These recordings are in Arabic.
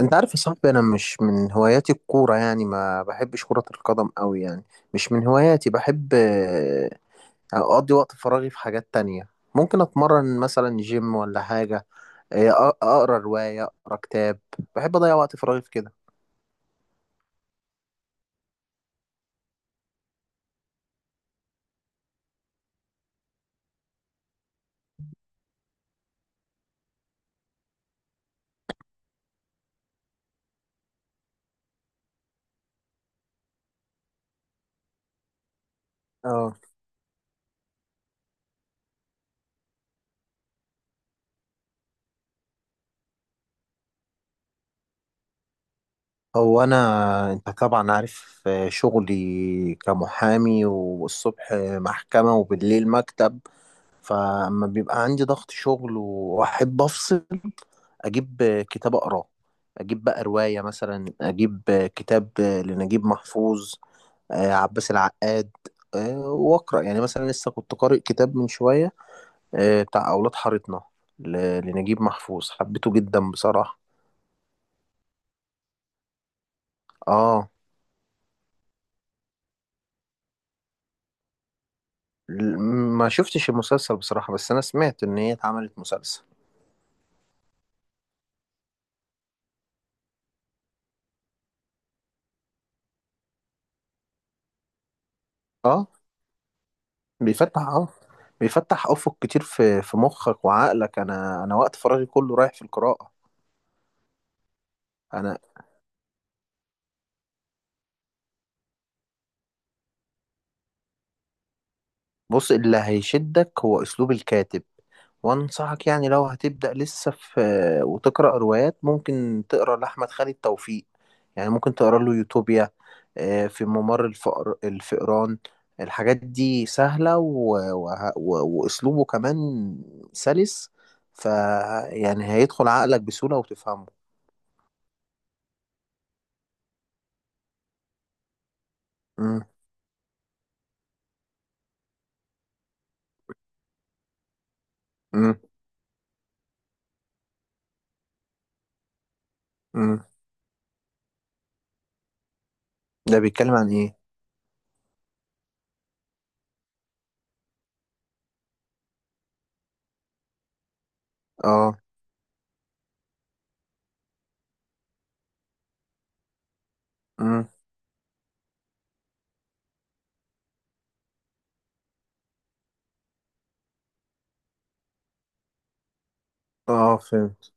انت عارف يا صاحبي، انا مش من هواياتي الكوره، يعني ما بحبش كره القدم قوي يعني. مش من هواياتي. بحب اقضي وقت فراغي في حاجات تانية. ممكن اتمرن مثلا جيم ولا حاجه. اقرا روايه، اقرا كتاب. بحب اضيع وقت فراغي في كده. اه. هو انا انت طبعا عارف شغلي كمحامي، والصبح محكمه وبالليل مكتب. فاما بيبقى عندي ضغط شغل واحب افصل، اجيب كتاب اقراه، اجيب بقى رواية مثلا، اجيب كتاب لنجيب محفوظ، عباس العقاد. واقرا يعني مثلا. لسه كنت قارئ كتاب من شوية، بتاع اولاد حارتنا لنجيب محفوظ. حبيته جدا بصراحة. اه. ل- ما شفتش المسلسل بصراحة، بس انا سمعت ان هي اتعملت مسلسل. اه. بيفتح اه بيفتح افق كتير في مخك وعقلك. انا وقت فراغي كله رايح في القراءة. انا بص، اللي هيشدك هو أسلوب الكاتب. وأنصحك يعني لو هتبدأ لسه في وتقرأ روايات، ممكن تقرأ لأحمد خالد توفيق. يعني ممكن تقرأ له يوتوبيا، في ممر الفقر الفئران. الحاجات دي سهلة، وأسلوبه كمان سلس. فيعني هيدخل عقلك بسهولة وتفهمه. مم. مم. مم. ده بيتكلم عن إيه؟ آه. مم. آه، فهمت.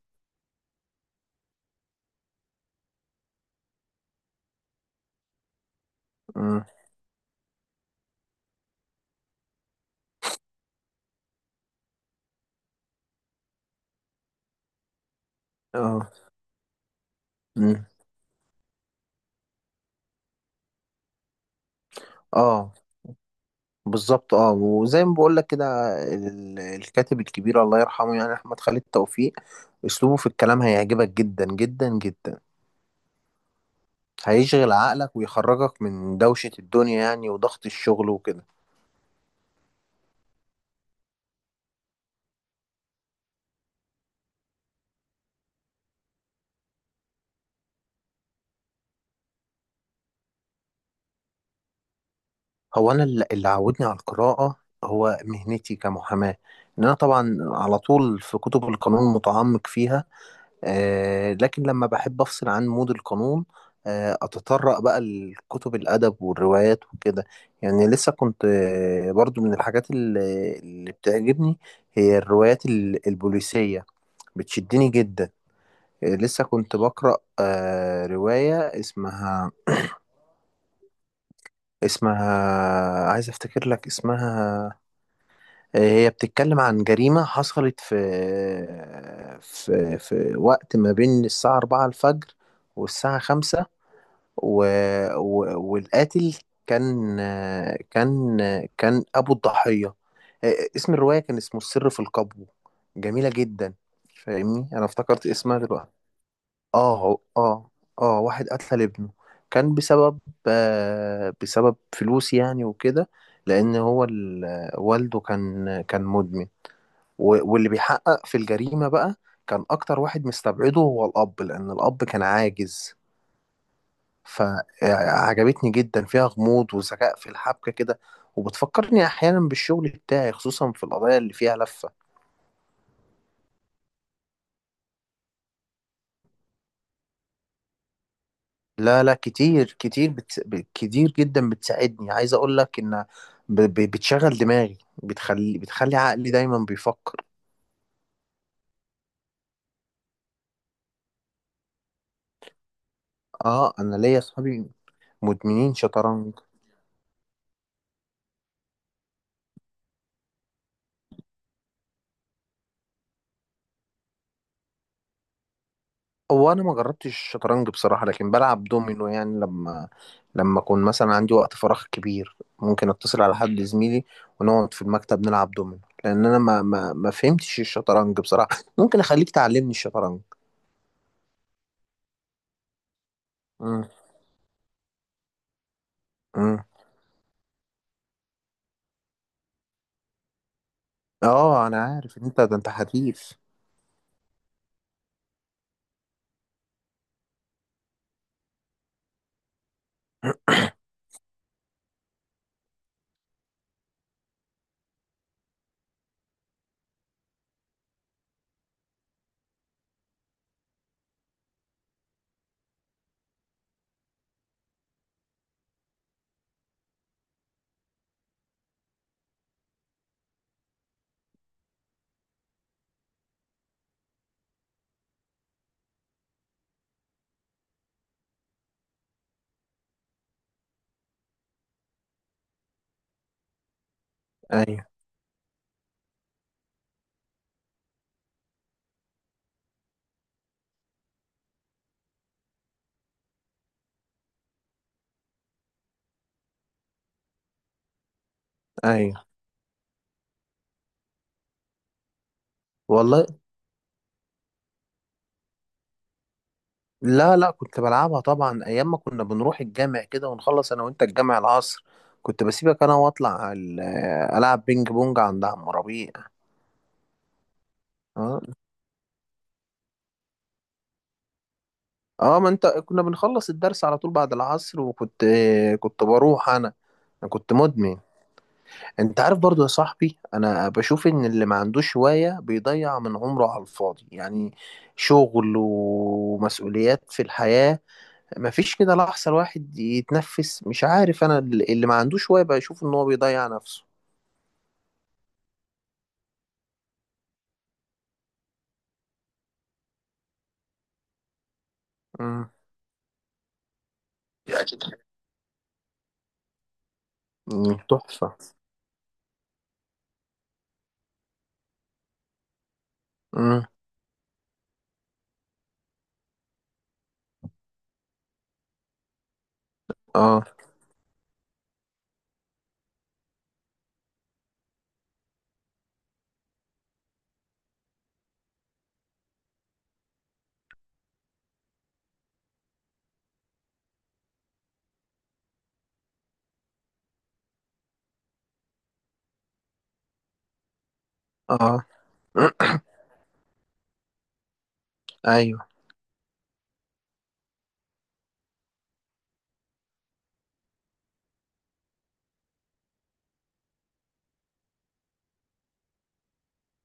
مم. آه. مم. آه، بالظبط. اه، وزي ما بقول لك كده، الكاتب الكبير الله يرحمه يعني احمد خالد توفيق، اسلوبه في الكلام هيعجبك جدا جدا جدا. هيشغل عقلك ويخرجك من دوشة الدنيا يعني، وضغط الشغل وكده. هو انا اللي عودني على القراءة هو مهنتي كمحاماة، ان انا طبعا على طول في كتب القانون متعمق فيها. لكن لما بحب أفصل عن مود القانون، أتطرق بقى لكتب الأدب والروايات وكده. يعني لسه كنت برضو من الحاجات اللي بتعجبني هي الروايات البوليسية، بتشدني جدا. لسه كنت بقرأ رواية اسمها، عايز أفتكر لك اسمها. هي بتتكلم عن جريمة حصلت في آه، في في وقت ما بين الساعة 4 الفجر والساعة 5، و... و... والقاتل كان كان كان أبو الضحية. اسم الرواية كان اسمه السر في القبو، جميلة جدا. فاهمني، أنا افتكرت اسمها دلوقتي. اه. اه، اه، واحد قتل ابنه. كان بسبب فلوس يعني وكده، لأن هو والده كان مدمن. واللي بيحقق في الجريمة بقى كان أكتر واحد مستبعده هو الأب، لأن الأب كان عاجز. فعجبتني جدا، فيها غموض وذكاء في الحبكة كده، وبتفكرني أحيانا بالشغل بتاعي، خصوصا في القضايا اللي فيها لفة. لا، لا، كتير كتير، كتير جدا بتساعدني. عايز أقول لك إن بتشغل دماغي، بتخلي عقلي دايما بيفكر. آه، أنا ليا أصحابي مدمنين شطرنج. هو انا ما جربتش الشطرنج بصراحه، لكن بلعب دومينو. يعني لما اكون مثلا عندي وقت فراغ كبير، ممكن اتصل على حد زميلي، ونقعد في المكتب نلعب دومينو، لان انا ما فهمتش الشطرنج بصراحه. ممكن اخليك تعلمني الشطرنج. امم. امم. اه، انا عارف إن انت ده انت حريف. ايوه، ايوه. والله. لا، لا، كنت بلعبها طبعا ايام ما كنا بنروح الجامع كده ونخلص انا وانت الجامع العصر، كنت بسيبك انا واطلع العب بينج بونج عند عم ربيع. اه. اه، ما انت كنا بنخلص الدرس على طول بعد العصر، وكنت كنت بروح انا. انا كنت مدمن. انت عارف برضو يا صاحبي، انا بشوف ان اللي ما عندوش هواية بيضيع من عمره على الفاضي. يعني شغل ومسؤوليات في الحياة، ما فيش كده لحظة الواحد يتنفس، مش عارف. انا اللي ما عندوش هواية بشوف ان هو بيضيع نفسه. امم. تحفة. امم. اه. اه. ايوه.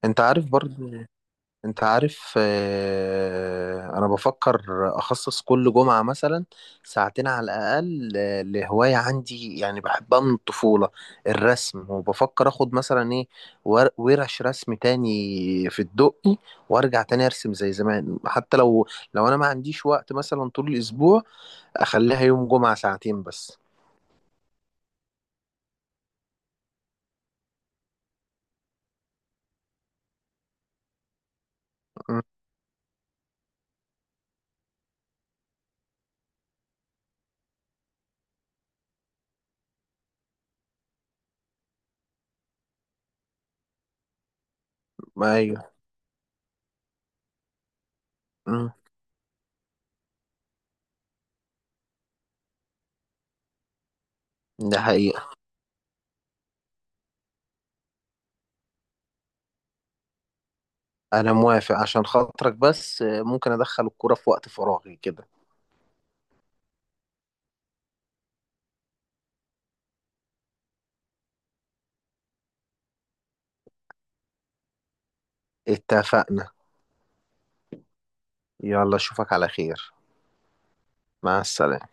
انت عارف برضو، انت عارف آه، انا بفكر اخصص كل جمعة مثلا ساعتين على الاقل لهواية عندي يعني بحبها من الطفولة، الرسم. وبفكر اخد مثلا ايه، ورش رسم تاني في الدقي، وارجع تاني ارسم زي زمان. حتى لو انا ما عنديش وقت مثلا طول الاسبوع، اخليها يوم جمعة ساعتين بس. مم. ايوه. مم. ده حقيقة. انا موافق عشان خاطرك، بس ممكن ادخل الكورة في وقت فراغي كده. اتفقنا. يلا، اشوفك على خير. مع السلامة.